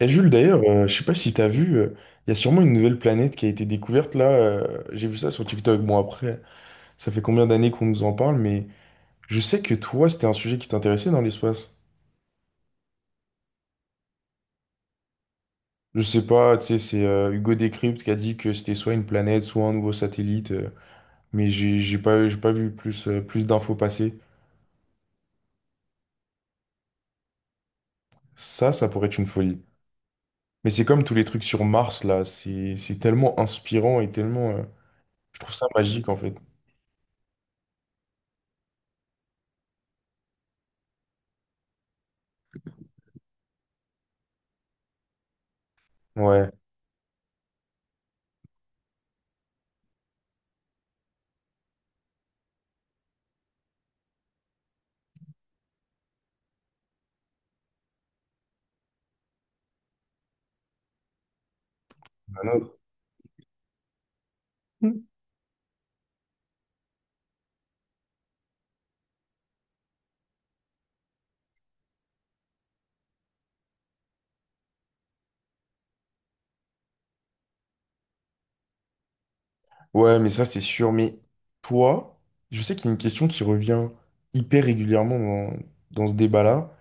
Et Jules, d'ailleurs, je sais pas si t'as vu, il y a sûrement une nouvelle planète qui a été découverte là. J'ai vu ça sur TikTok. Bon, après, ça fait combien d'années qu'on nous en parle, mais je sais que toi, c'était un sujet qui t'intéressait dans l'espace. Je sais pas, tu sais, c'est Hugo Décrypte qui a dit que c'était soit une planète, soit un nouveau satellite, mais j'ai pas vu plus, plus d'infos passer. Ça pourrait être une folie. Mais c'est comme tous les trucs sur Mars là, c'est tellement inspirant et tellement. Je trouve ça magique en fait. Ouais. Ouais, mais ça, c'est sûr. Mais toi, je sais qu'il y a une question qui revient hyper régulièrement dans, dans ce débat-là.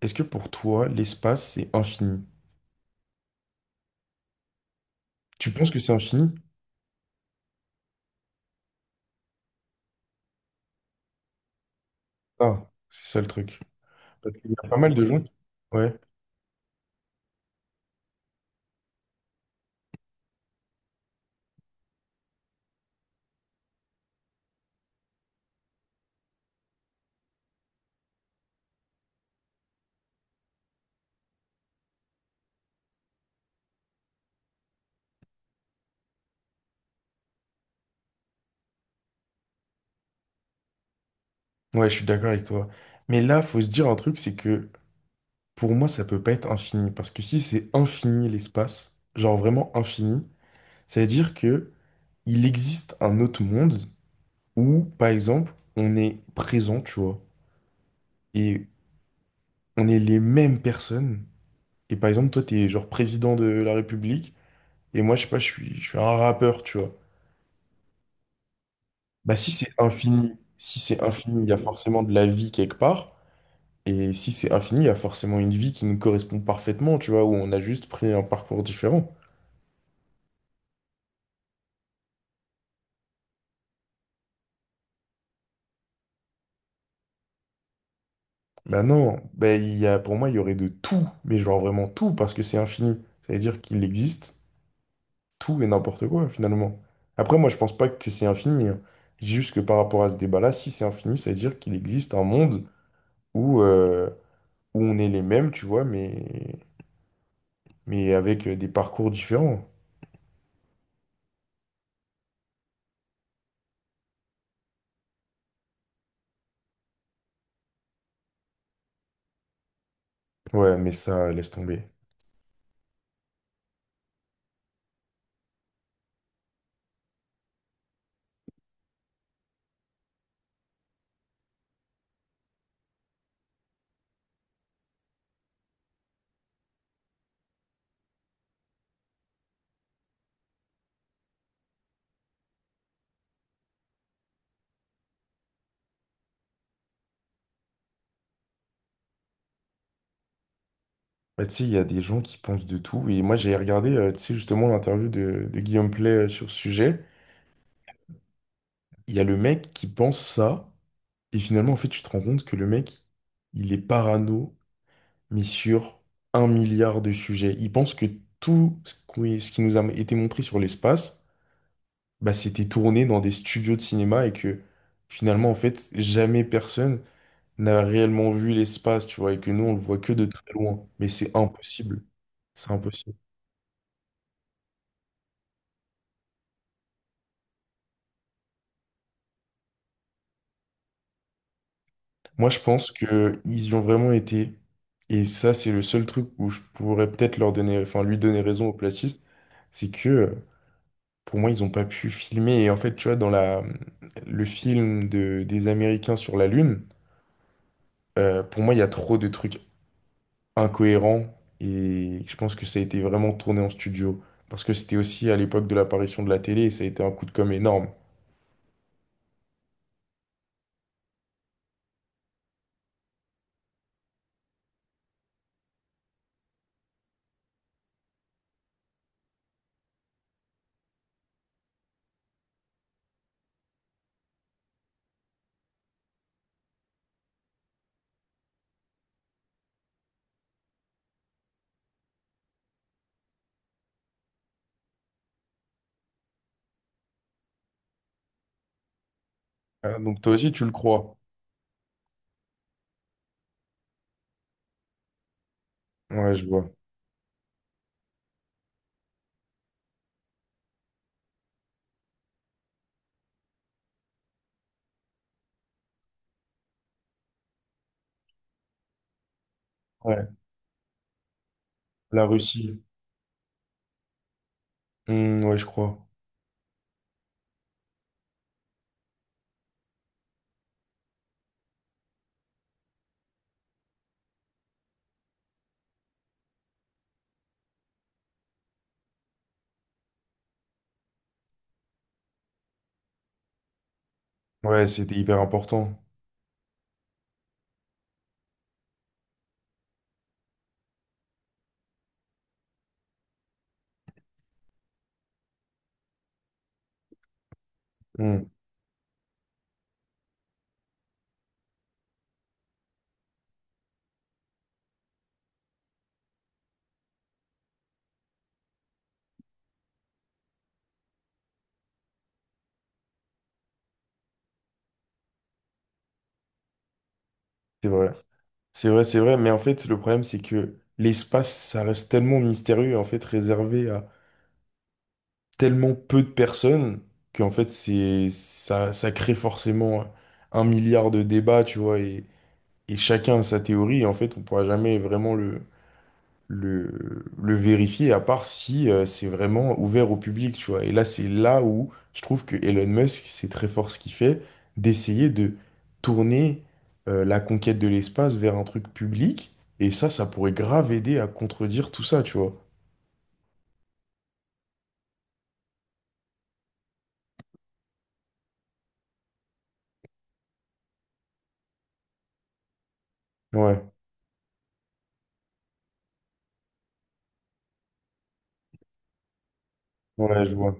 Est-ce que pour toi, l'espace, c'est infini? Tu penses que c'est infini? Ah, c'est ça le truc. Parce qu'il y a pas mal de gens qui... Ouais, ouais, je suis d'accord avec toi. Mais là, faut se dire un truc, c'est que pour moi, ça peut pas être infini. Parce que si c'est infini l'espace, genre vraiment infini, ça veut dire que il existe un autre monde où, par exemple, on est présent, tu vois. Et on est les mêmes personnes. Et par exemple, toi, t'es genre président de la République, et moi, je sais pas, je suis un rappeur, tu vois. Bah, si c'est infini, si c'est infini, il y a forcément de la vie quelque part. Et si c'est infini, il y a forcément une vie qui nous correspond parfaitement, tu vois, où on a juste pris un parcours différent. Bah non, bah, il y a, pour moi, il y aurait de tout, mais genre vraiment tout, parce que c'est infini. Ça veut dire qu'il existe tout et n'importe quoi, finalement. Après, moi, je pense pas que c'est infini. Hein. Je dis juste que par rapport à ce débat-là, si c'est infini, ça veut dire qu'il existe un monde où, où on est les mêmes, tu vois, mais avec des parcours différents. Ouais, mais ça, laisse tomber. Bah, tu sais, il y a des gens qui pensent de tout. Et moi, j'ai regardé, tu sais, justement, l'interview de Guillaume Play sur ce sujet. Il y a le mec qui pense ça. Et finalement, en fait, tu te rends compte que le mec, il est parano, mais sur un milliard de sujets. Il pense que tout ce qui nous a été montré sur l'espace, bah, c'était tourné dans des studios de cinéma et que finalement, en fait, jamais personne n'a réellement vu l'espace, tu vois, et que nous, on le voit que de très loin. Mais c'est impossible. C'est impossible. Moi, je pense que ils y ont vraiment été. Et ça, c'est le seul truc où je pourrais peut-être leur donner, enfin, lui donner raison aux platistes, c'est que pour moi, ils n'ont pas pu filmer. Et en fait, tu vois, dans la, le film de, des Américains sur la Lune, pour moi, il y a trop de trucs incohérents. Et je pense que ça a été vraiment tourné en studio. Parce que c'était aussi à l'époque de l'apparition de la télé, et ça a été un coup de com' énorme. Ah, donc toi aussi, tu le crois. Ouais, je vois. Ouais, la Russie. Hmm, ouais, je crois. Ouais, c'était hyper important. Hmm, c'est vrai. C'est vrai, c'est vrai. Mais en fait, le problème, c'est que l'espace, ça reste tellement mystérieux, en fait, réservé à tellement peu de personnes, qu'en fait, c'est, ça crée forcément un milliard de débats, tu vois, et chacun a sa théorie. Et en fait, on pourra jamais vraiment le vérifier, à part si c'est vraiment ouvert au public, tu vois. Et là, c'est là où je trouve que Elon Musk, c'est très fort ce qu'il fait, d'essayer de tourner la conquête de l'espace vers un truc public. Et ça pourrait grave aider à contredire tout ça, tu vois. Ouais, ouais, je vois.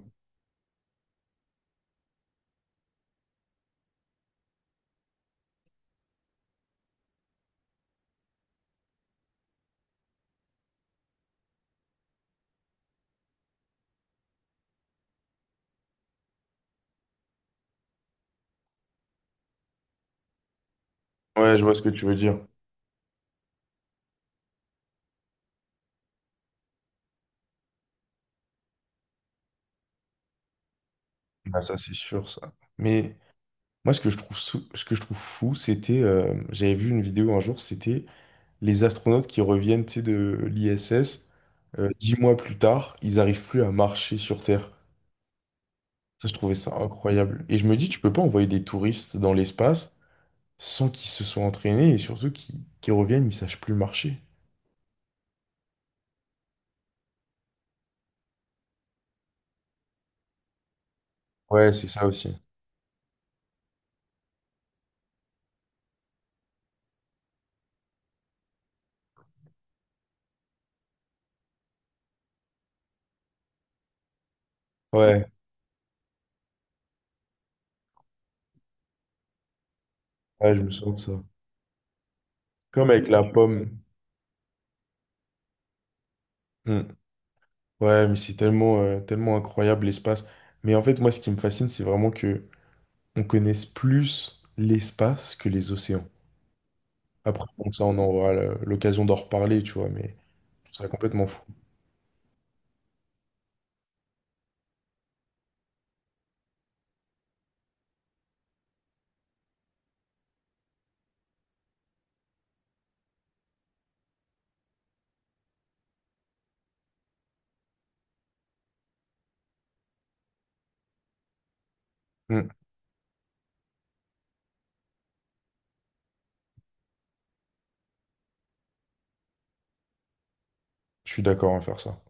Ouais, je vois ce que tu veux dire. Bah, ça, c'est sûr, ça. Mais moi, ce que je trouve, ce que je trouve fou, c'était, j'avais vu une vidéo un jour, c'était les astronautes qui reviennent, tu sais, de l'ISS, 10 mois plus tard, ils arrivent plus à marcher sur Terre. Ça, je trouvais ça incroyable. Et je me dis, tu peux pas envoyer des touristes dans l'espace sans qu'ils se soient entraînés et surtout qu'ils reviennent, ils sachent plus marcher. Ouais, c'est ça aussi. Ouais, ouais, je me sens de ça. Comme avec la pomme. Hmm. Ouais, mais c'est tellement, tellement incroyable l'espace. Mais en fait, moi, ce qui me fascine, c'est vraiment que on connaisse plus l'espace que les océans. Après, bon, ça, on aura l'occasion d'en reparler, tu vois, mais je trouve ça complètement fou. Mm. Je suis d'accord à faire ça.